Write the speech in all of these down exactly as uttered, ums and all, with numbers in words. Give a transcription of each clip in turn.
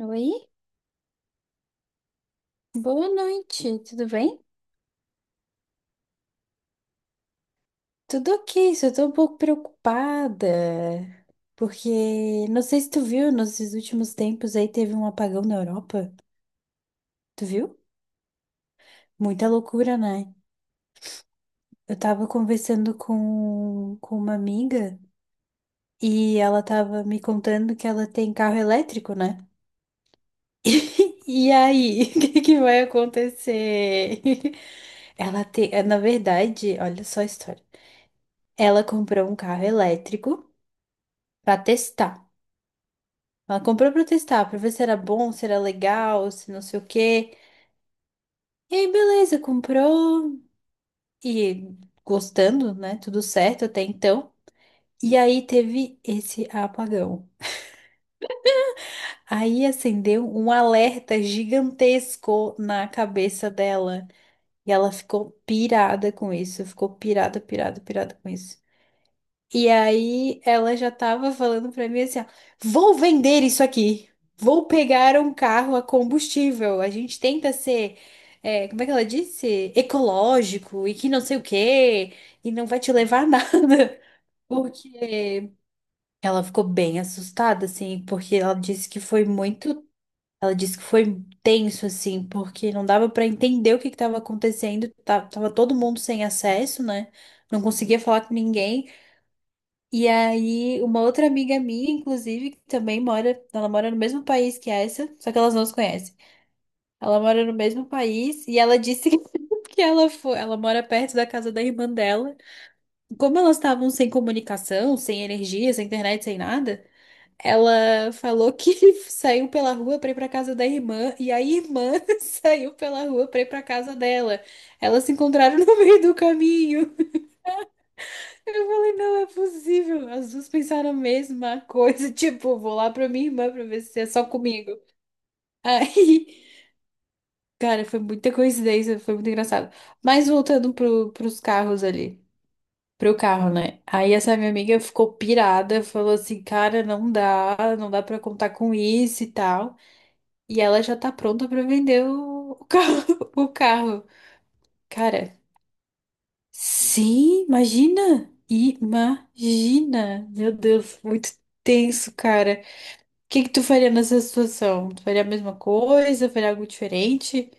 Oi, boa noite, tudo bem? Tudo ok, só tô um pouco preocupada, porque não sei se tu viu, nesses últimos tempos aí teve um apagão na Europa, tu viu? Muita loucura, né? Eu tava conversando com, com uma amiga e ela tava me contando que ela tem carro elétrico, né? E aí, o que que vai acontecer? Ela tem, na verdade, olha só a história. Ela comprou um carro elétrico pra testar. Ela comprou pra testar, pra ver se era bom, se era legal, se não sei o quê. E aí, beleza, comprou e gostando, né? Tudo certo até então. E aí teve esse apagão. Aí acendeu um alerta gigantesco na cabeça dela. E ela ficou pirada com isso. Ficou pirada, pirada, pirada com isso. E aí ela já tava falando pra mim assim, ó, vou vender isso aqui. Vou pegar um carro a combustível. A gente tenta ser, é, como é que ela disse? Ecológico e que não sei o quê. E não vai te levar a nada. Porque ela ficou bem assustada, assim, porque ela disse que foi muito. Ela disse que foi tenso, assim, porque não dava pra entender o que que tava acontecendo. Tava, tava todo mundo sem acesso, né? Não conseguia falar com ninguém. E aí, uma outra amiga minha, inclusive, que também mora, ela mora no mesmo país que essa, só que elas não se conhecem. Ela mora no mesmo país e ela disse que, que ela foi, ela mora perto da casa da irmã dela. Como elas estavam sem comunicação, sem energia, sem internet, sem nada, ela falou que saiu pela rua pra ir pra casa da irmã e a irmã saiu pela rua pra ir pra casa dela. Elas se encontraram no meio do caminho. Eu falei, não é possível. As duas pensaram a mesma coisa. Tipo, vou lá pra minha irmã pra ver se é só comigo. Aí, cara, foi muita coincidência, foi muito engraçado. Mas voltando pro, pros carros ali. Pro carro, né? Aí essa minha amiga ficou pirada, falou assim, cara, não dá, não dá pra contar com isso e tal. E ela já tá pronta pra vender o o carro, o carro. Cara, sim, imagina! Imagina! Meu Deus, muito tenso, cara. O que que tu faria nessa situação? Tu faria a mesma coisa? Faria algo diferente?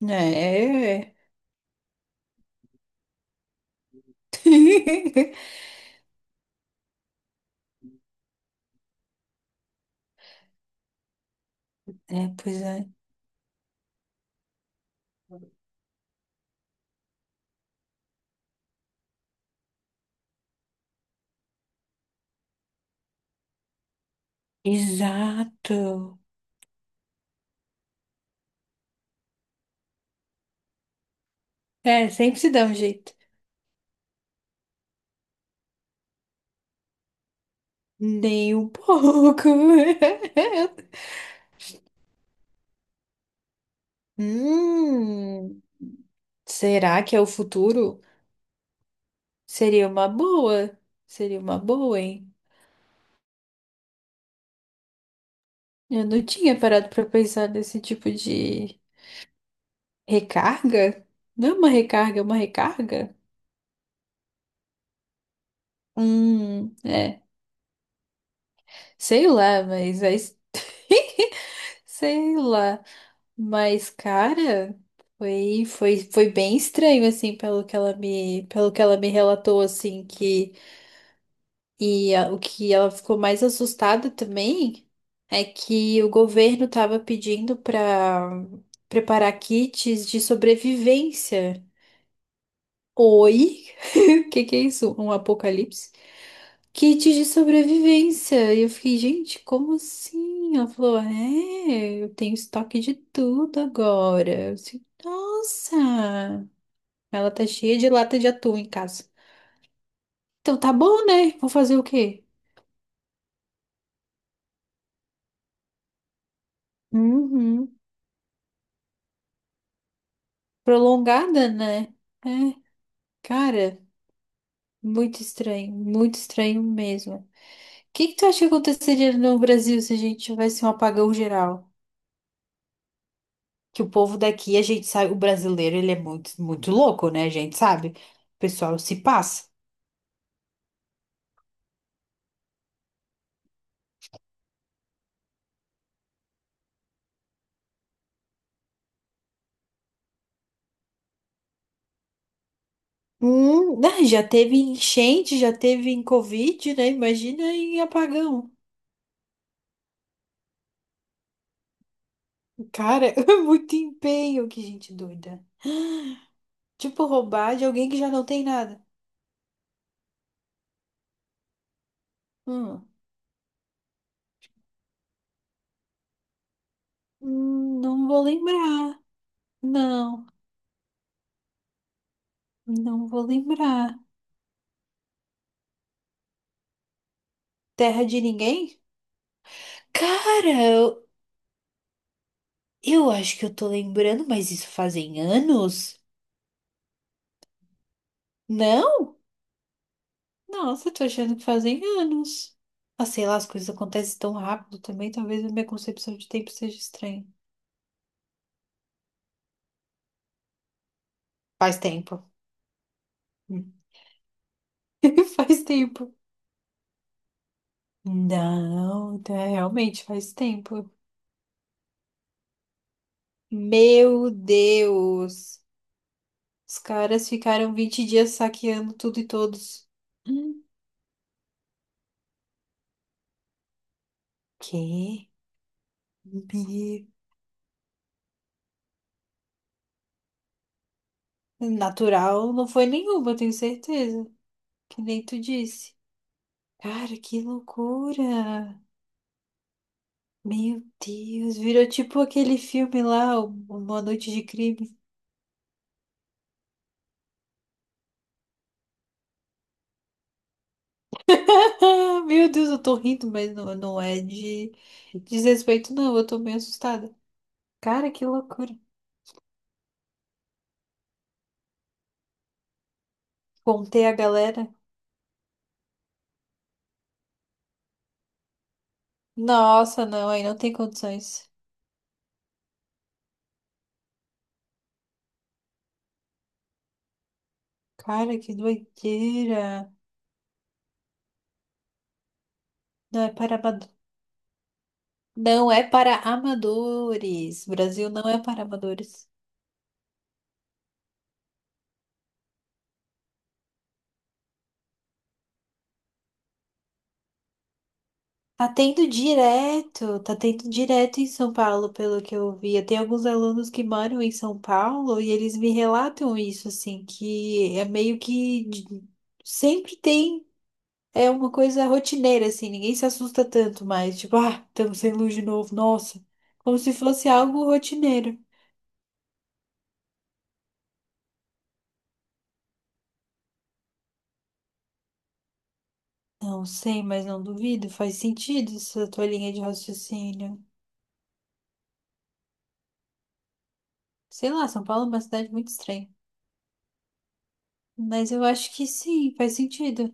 Né? É, é, pois é. Exato. É, sempre se dá um jeito. Nem um pouco. Hum, será que é o futuro? Seria uma boa. Seria uma boa, hein? Eu não tinha parado pra pensar nesse tipo de recarga. Não é uma recarga, é uma recarga? Hum, é. Sei lá, mas aí. Sei lá. Mas, cara, foi, foi, foi bem estranho, assim, pelo que ela me, pelo que ela me relatou, assim, que. E a- o que ela ficou mais assustada também é que o governo estava pedindo para preparar kits de sobrevivência. Oi? O que que é isso? Um apocalipse? Kit de sobrevivência. E eu fiquei, gente, como assim? Ela falou, é, eu tenho estoque de tudo agora. Eu disse, nossa! Ela tá cheia de lata de atum em casa. Então tá bom, né? Vou fazer o quê? Uhum. Prolongada, né? É, cara, muito estranho, muito estranho mesmo. O que que tu acha que aconteceria no Brasil se a gente tivesse um apagão geral? Que o povo daqui, a gente sabe, o brasileiro, ele é muito, muito louco, né? A gente sabe. O pessoal se passa. Hum, né, já teve enchente, já teve em Covid, né? Imagina em apagão. Cara, é muito empenho, que gente doida. Tipo, roubar de alguém que já não tem nada. Hum, hum, não vou lembrar. Não, não vou lembrar. Terra de ninguém? Cara, eu, eu acho que eu tô lembrando, mas isso fazem anos? Não? Nossa, tô achando que fazem anos. Ah, sei lá, as coisas acontecem tão rápido também. Talvez a minha concepção de tempo seja estranha. Faz tempo. Hum. Faz tempo. Não, tá, realmente faz tempo. Meu Deus! Os caras ficaram vinte dias saqueando tudo e todos. Hum, Que? Bi- Natural não foi nenhuma, eu tenho certeza. Que nem tu disse. Cara, que loucura! Meu Deus, virou tipo aquele filme lá, o- Uma Noite de Crime. Meu Deus, eu tô rindo, mas não, não é de desrespeito, não. Eu tô meio assustada. Cara, que loucura. Contei a galera. Nossa, não, aí não tem condições. Cara, que doideira. Não é para amado- Não é para amadores. Brasil não é para amadores. Tá tendo direto, tá tendo direto em São Paulo, pelo que eu vi. Eu tenho alguns alunos que moram em São Paulo e eles me relatam isso, assim, que é meio que de- sempre tem, é uma coisa rotineira, assim, ninguém se assusta tanto mais, tipo, ah, estamos sem luz de novo, nossa, como se fosse algo rotineiro. Não sei, mas não duvido, faz sentido essa tua linha de raciocínio. Sei lá, São Paulo é uma cidade muito estranha, mas eu acho que sim, faz sentido.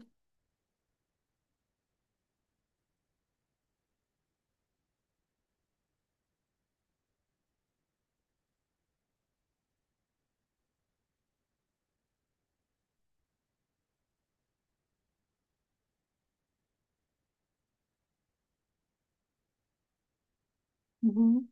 Uhum.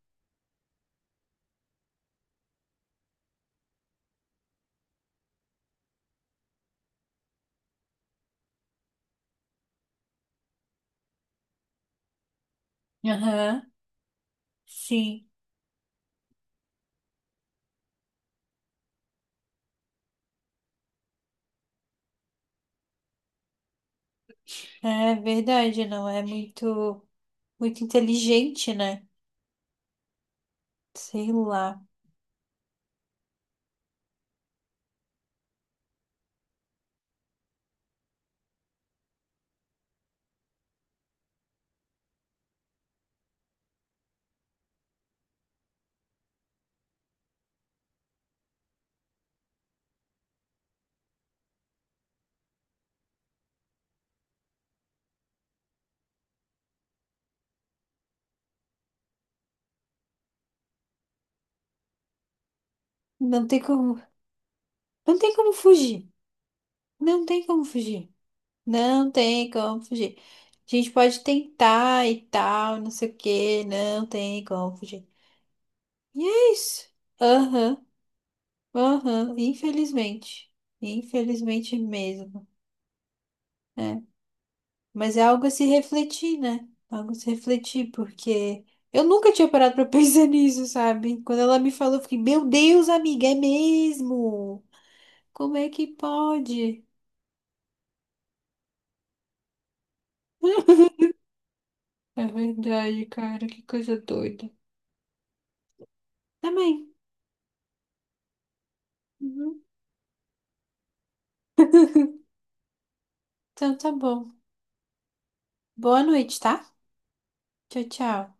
Aham. Sim, é verdade, não é muito muito inteligente, né? Sei lá. Não tem como, não tem como fugir. Não tem como fugir. Não tem como fugir. A gente pode tentar e tal, não sei o quê, não tem como fugir. E é isso. Aham, aham, infelizmente. Infelizmente mesmo. Né? Mas é algo a se refletir, né? Algo a se refletir, porque eu nunca tinha parado pra pensar nisso, sabe? Quando ela me falou, eu fiquei, meu Deus, amiga, é mesmo? Como é que pode? É verdade, cara, que coisa doida. Também. Uhum. Então tá bom. Boa noite, tá? Tchau, tchau.